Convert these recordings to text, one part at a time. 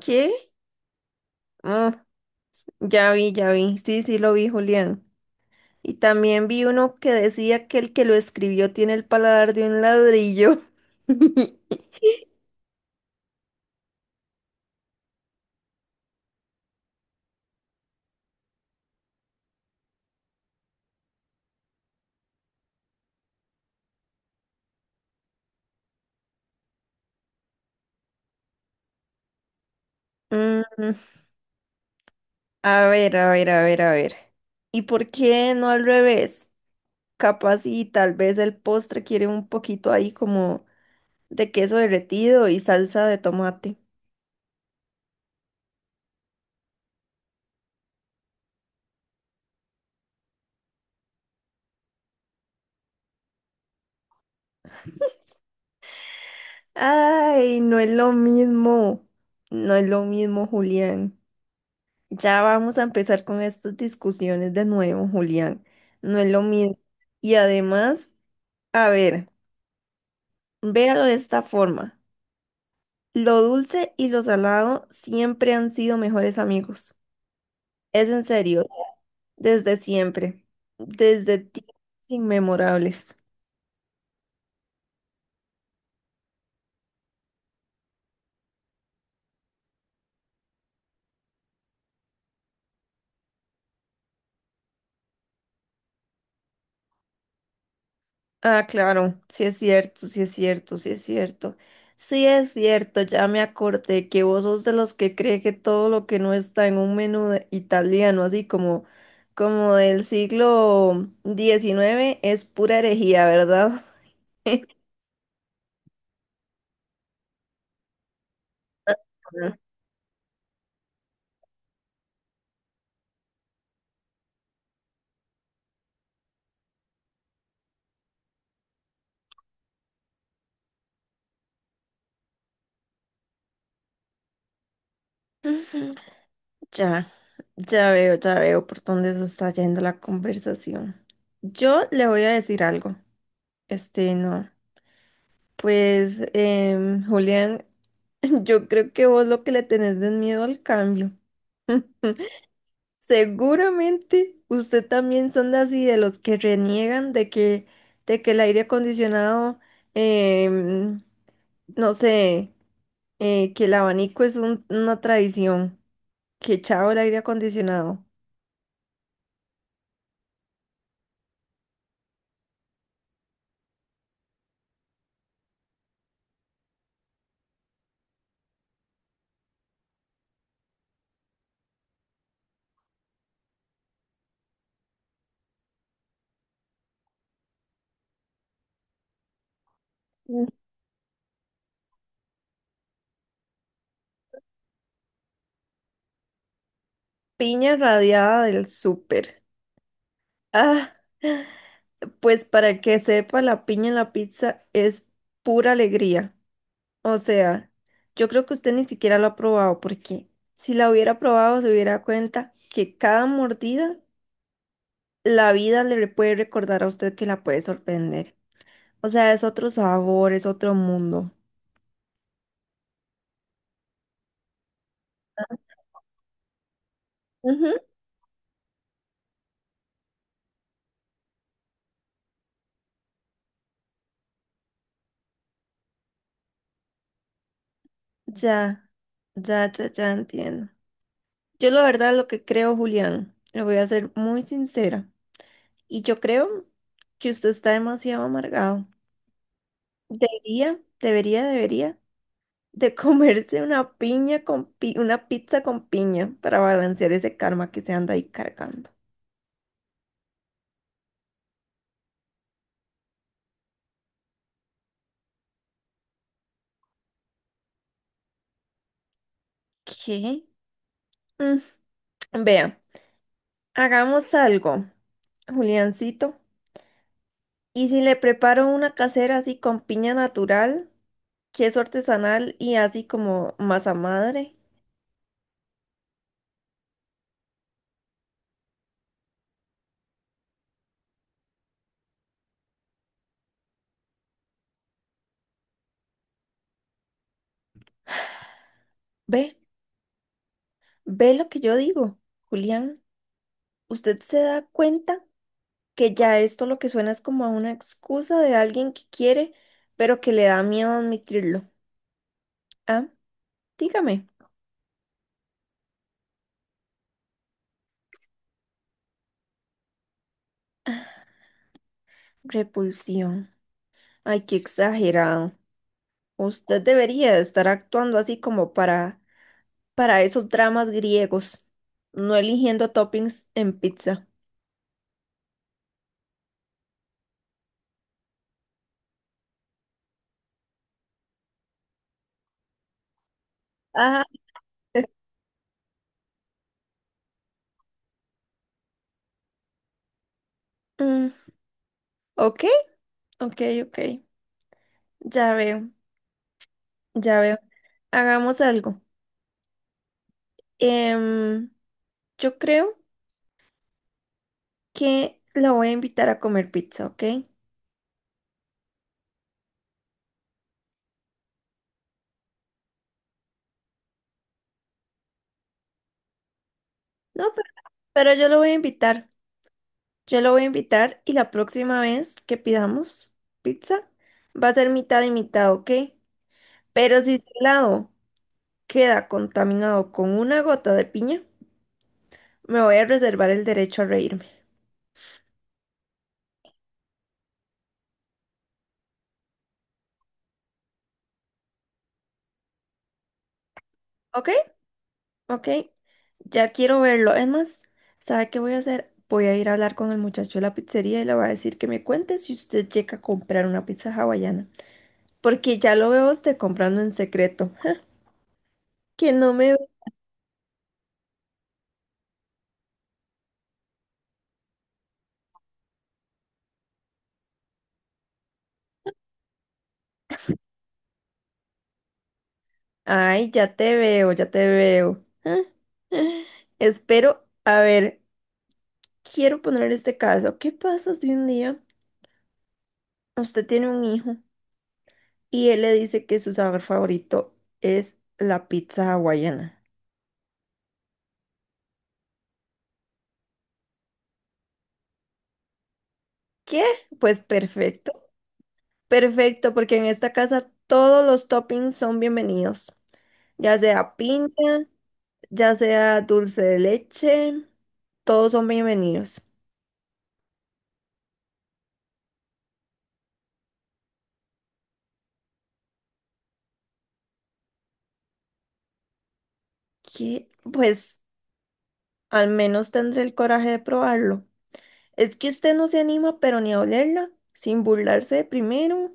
¿Qué? Ah, ya vi, ya vi. Sí, sí, lo vi, Julián. Y también vi uno que decía que el que lo escribió tiene el paladar de un ladrillo. Mm, a ver, a ver, a ver, a ver. ¿Y por qué no al revés? Capaz y tal vez el postre quiere un poquito ahí como de queso derretido y salsa de tomate. Ay, no es lo mismo. No es lo mismo, Julián. Ya vamos a empezar con estas discusiones de nuevo, Julián. No es lo mismo. Y además, a ver, véalo de esta forma. Lo dulce y lo salado siempre han sido mejores amigos. Es en serio, desde siempre, desde tiempos inmemorables. Ah, claro, sí es cierto, sí es cierto, sí es cierto. Sí es cierto, ya me acordé que vos sos de los que cree que todo lo que no está en un italiano, así como, como del siglo XIX es pura herejía, ¿verdad? Ya, ya veo por dónde se está yendo la conversación. Yo le voy a decir algo. Este, no. Pues, Julián. Yo creo que vos lo que le tenés es miedo al cambio. Seguramente usted también son de así de los que reniegan de que el aire acondicionado, em, no sé, que el abanico es una tradición, que chao el aire acondicionado. Mm. Piña radiada del súper. Ah, pues para que sepa, la piña en la pizza es pura alegría. O sea, yo creo que usted ni siquiera lo ha probado, porque si la hubiera probado, se hubiera dado cuenta que cada mordida, la vida puede recordar a usted que la puede sorprender. O sea, es otro sabor, es otro mundo. Ujú. Ya, ya, ya, ya entiendo. Yo la verdad lo que creo, Julián, le voy a ser muy sincera, y yo creo que usted está demasiado amargado. Debería de comerse una piña una pizza con piña para balancear ese karma que se anda ahí cargando. ¿Qué? Mm, vea, hagamos algo, Juliancito. Y si le preparo una casera así con piña natural, que es artesanal y así como masa madre, ve, ve lo que yo digo, Julián. ¿Usted se da cuenta que ya esto lo que suena es como a una excusa de alguien que quiere, pero que le da miedo admitirlo? Ah, dígame. Repulsión. Ay, qué exagerado. Usted debería de estar actuando así como para esos dramas griegos, no eligiendo toppings en pizza. Ah, mm, ok, ok, ok. Ya veo, ya veo. Hagamos algo. Em, yo creo que la voy a invitar a comer pizza, ¿ok? No, pero yo lo voy a invitar. Yo lo voy a invitar y la próxima vez que pidamos pizza va a ser mitad y mitad, ¿ok? Pero si su helado queda contaminado con una gota de piña, me voy a reservar el derecho a reírme. ¿Ok? Ok. Ya quiero verlo. Es más, ¿sabe qué voy a hacer? Voy a ir a hablar con el muchacho de la pizzería y le voy a decir que me cuente si usted llega a comprar una pizza hawaiana. Porque ya lo veo a usted comprando en secreto. Que no me... Ay, ya te veo, ya te veo. Ja, ja. Espero, a ver, quiero poner este caso. ¿Qué pasa si un día usted tiene un hijo y él le dice que su sabor favorito es la pizza hawaiana? ¿Qué? Pues perfecto, perfecto, porque en esta casa todos los toppings son bienvenidos, ya sea piña, ya sea dulce de leche, todos son bienvenidos. ¿Qué? Pues al menos tendré el coraje de probarlo. Es que usted no se anima, pero ni a olerla, sin burlarse primero.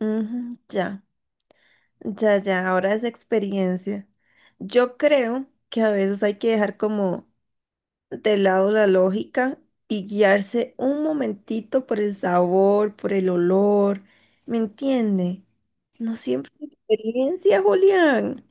Ujú, ya. Ya, ya, ahora es experiencia. Yo creo que a veces hay que dejar como de lado la lógica y guiarse un momentito por el sabor, por el olor. ¿Me entiende? No siempre es experiencia, Julián.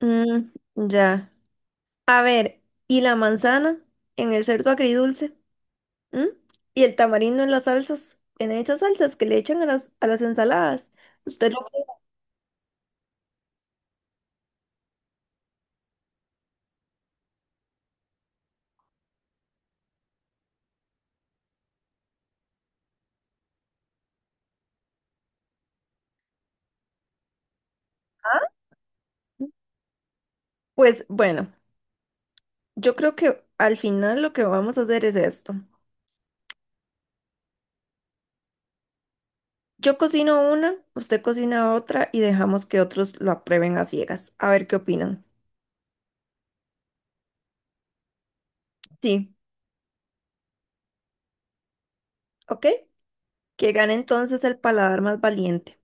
Mm, ya. A ver, ¿y la manzana en el cerdo agridulce? ¿Mm? ¿Y el tamarindo en las salsas? En esas salsas que le echan a las ensaladas. ¿Usted lo... Pues bueno. Yo creo que al final lo que vamos a hacer es esto. Yo cocino una, usted cocina otra y dejamos que otros la prueben a ciegas. A ver qué opinan. Sí, ¿ok? Que gane entonces el paladar más valiente.